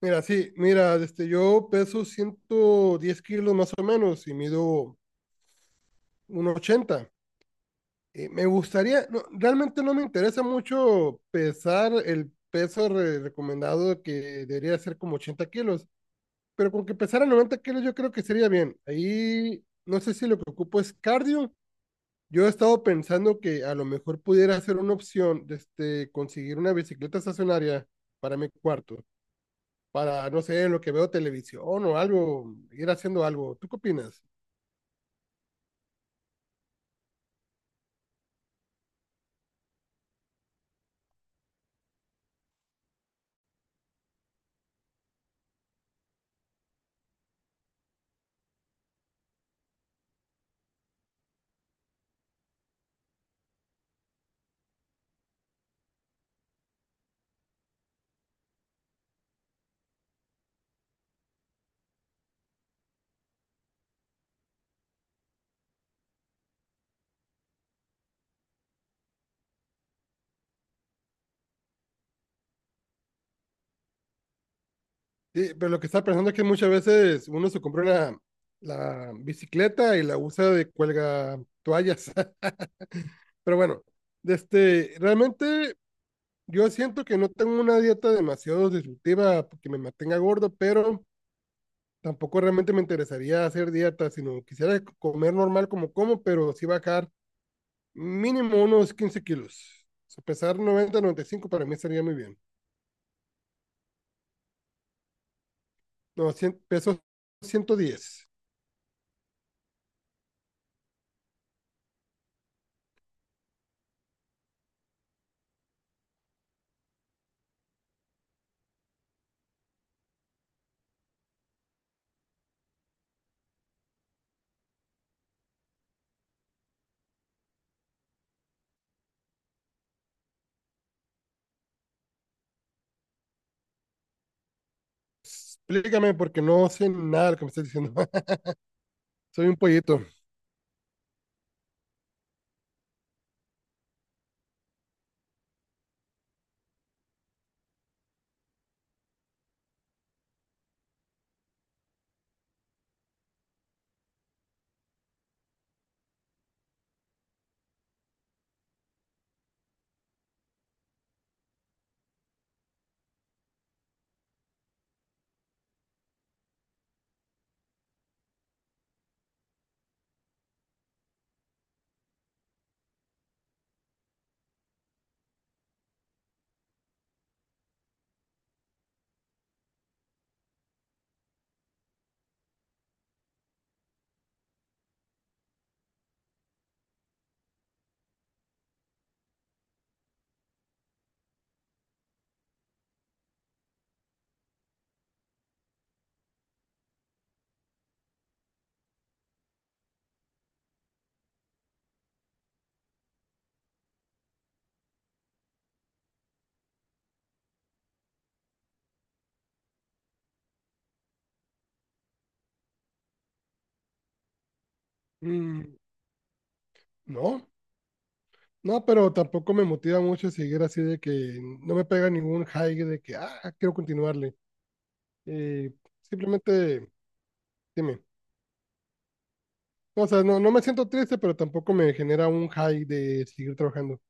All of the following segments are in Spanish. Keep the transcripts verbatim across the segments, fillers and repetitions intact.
Mira, sí, mira, este, yo peso ciento diez kilos más o menos y mido uno ochenta. Eh, me gustaría, no, realmente no me interesa mucho pesar el peso re- recomendado que debería ser como ochenta kilos, pero con que pesara noventa kilos yo creo que sería bien. Ahí no sé si lo que ocupo es cardio. Yo he estado pensando que a lo mejor pudiera ser una opción, este, conseguir una bicicleta estacionaria para mi cuarto, para, no sé, en lo que veo televisión o algo, ir haciendo algo. ¿Tú qué opinas? Sí, pero lo que estaba pensando es que muchas veces uno se compra una, la bicicleta y la usa de cuelga toallas. Pero bueno, de este, realmente yo siento que no tengo una dieta demasiado disruptiva que me mantenga gordo, pero tampoco realmente me interesaría hacer dieta, sino quisiera comer normal como como, pero sí bajar mínimo unos quince kilos. O sea, pesar noventa, noventa y cinco para mí estaría muy bien. No, cien pesos, ciento diez. Explícame porque no sé nada de lo que me estás diciendo. Soy un pollito. Mm, no, no, pero tampoco me motiva mucho seguir así de que no me pega ningún high de que, ah, quiero continuarle. Eh, simplemente, dime. No, o sea, no, no me siento triste, pero tampoco me genera un high de seguir trabajando.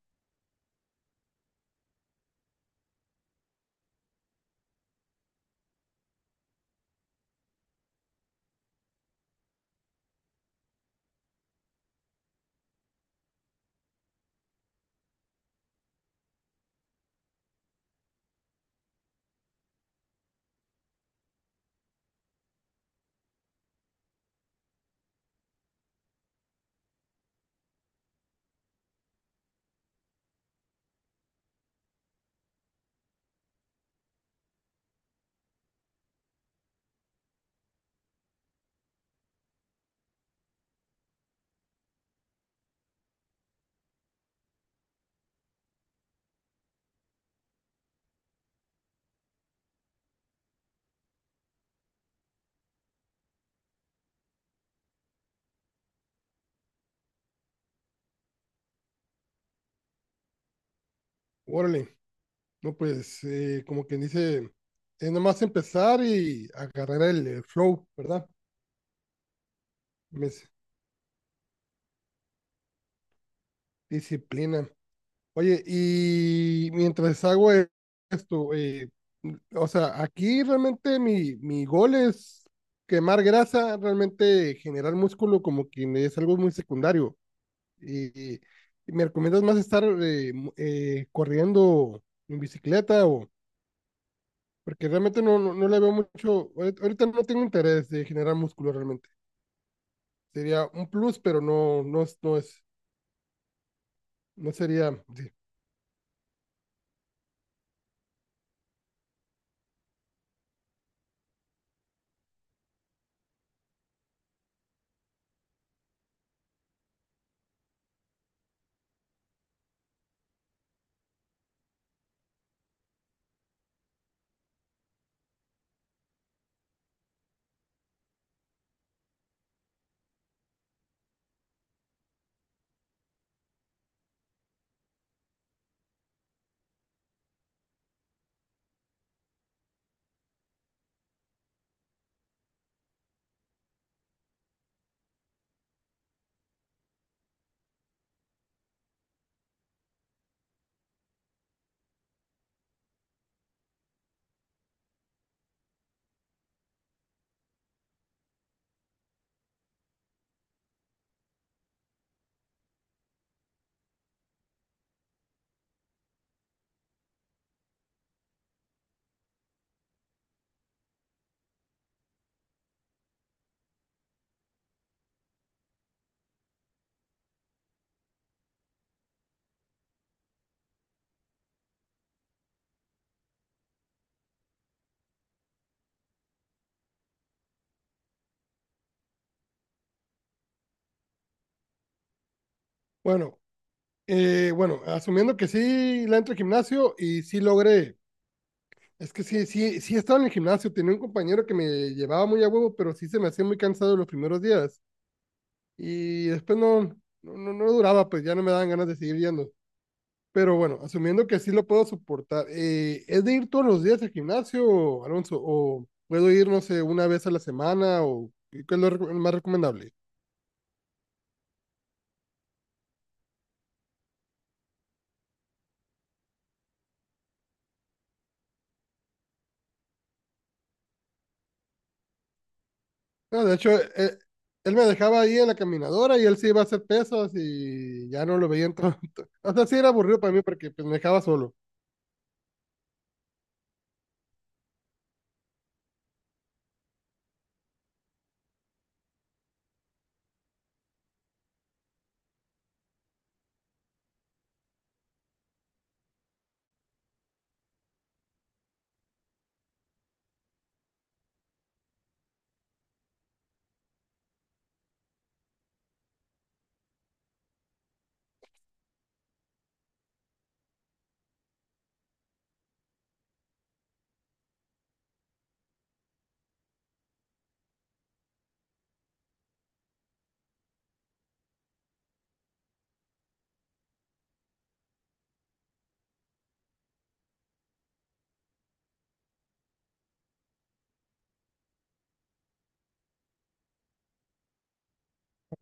Órale, no, pues, eh, como quien dice, es nomás empezar y agarrar el, el flow, ¿verdad? Me- s- Disciplina. Oye, y mientras hago e- esto, eh, o sea, aquí realmente mi, mi gol es quemar grasa, realmente generar músculo como que es algo muy secundario. Y, y me recomiendas más estar eh, mu- eh, corriendo en bicicleta o porque realmente no, no, no le veo mucho, ahorita ahorita no tengo interés de generar músculo realmente. Sería un plus, pero no, no, es- no es, no sería, sí. Bueno, Eh, bueno, asumiendo que sí la entro al gimnasio y sí logré. Es que sí, sí, sí estaba en el gimnasio. Tenía un compañero que me llevaba muy a huevo, pero sí se me hacía muy cansado los primeros días. Y después no, no, no, no duraba, pues ya no me daban ganas de seguir yendo. Pero bueno, asumiendo que sí lo puedo soportar. Eh, ¿es de ir todos los días al gimnasio, Alonso? ¿O puedo ir, no sé, una vez a la semana? ¿O qué es lo reco- más recomendable? No, de hecho, eh, él me dejaba ahí en la caminadora y él sí iba a hacer pesas y ya no lo veían tanto. O sea, sí era aburrido para mí porque pues me dejaba solo.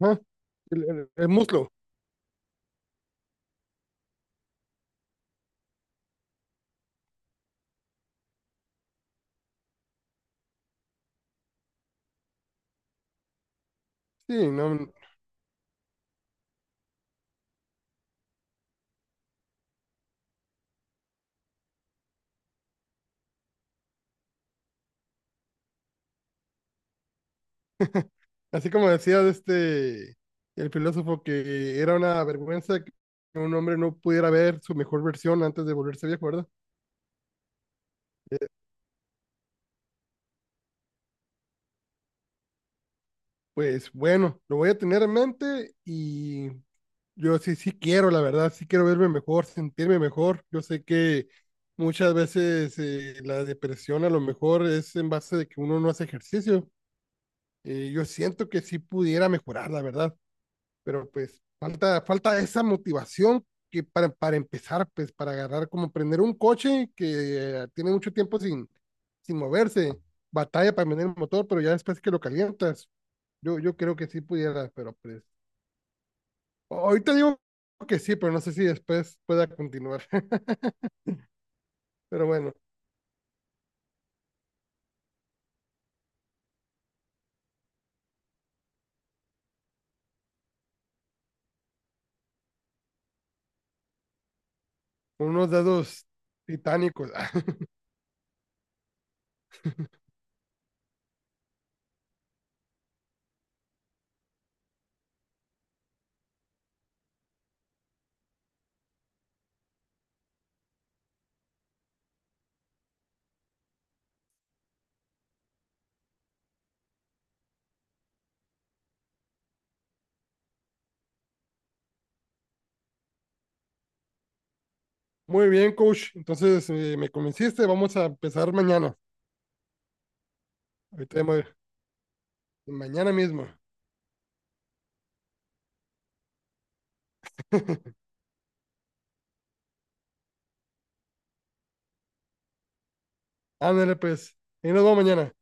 Ajá. El, el- el muslo. Sí, no. Así como decía de este, el filósofo que era una vergüenza que un hombre no pudiera ver su mejor versión antes de volverse viejo, ¿verdad? Pues bueno, lo voy a tener en mente y yo sí, sí quiero, la verdad, sí quiero verme mejor, sentirme mejor. Yo sé que muchas veces eh, la depresión a lo mejor es en base de que uno no hace ejercicio. Eh, yo siento que sí pudiera mejorar, la verdad, pero pues falta, falta esa motivación que para, para empezar, pues para agarrar, como prender un coche que eh, tiene mucho tiempo sin, sin moverse, batalla para prender el motor, pero ya después que lo calientas, yo, yo creo que sí pudiera, pero pues ahorita digo que sí, pero no sé si después pueda continuar. Pero bueno, con unos dedos titánicos. Muy bien, coach. Entonces eh, me convenciste, vamos a empezar mañana. Ahorita, ya me- Mañana mismo. Ándale, pues. Y nos vemos mañana.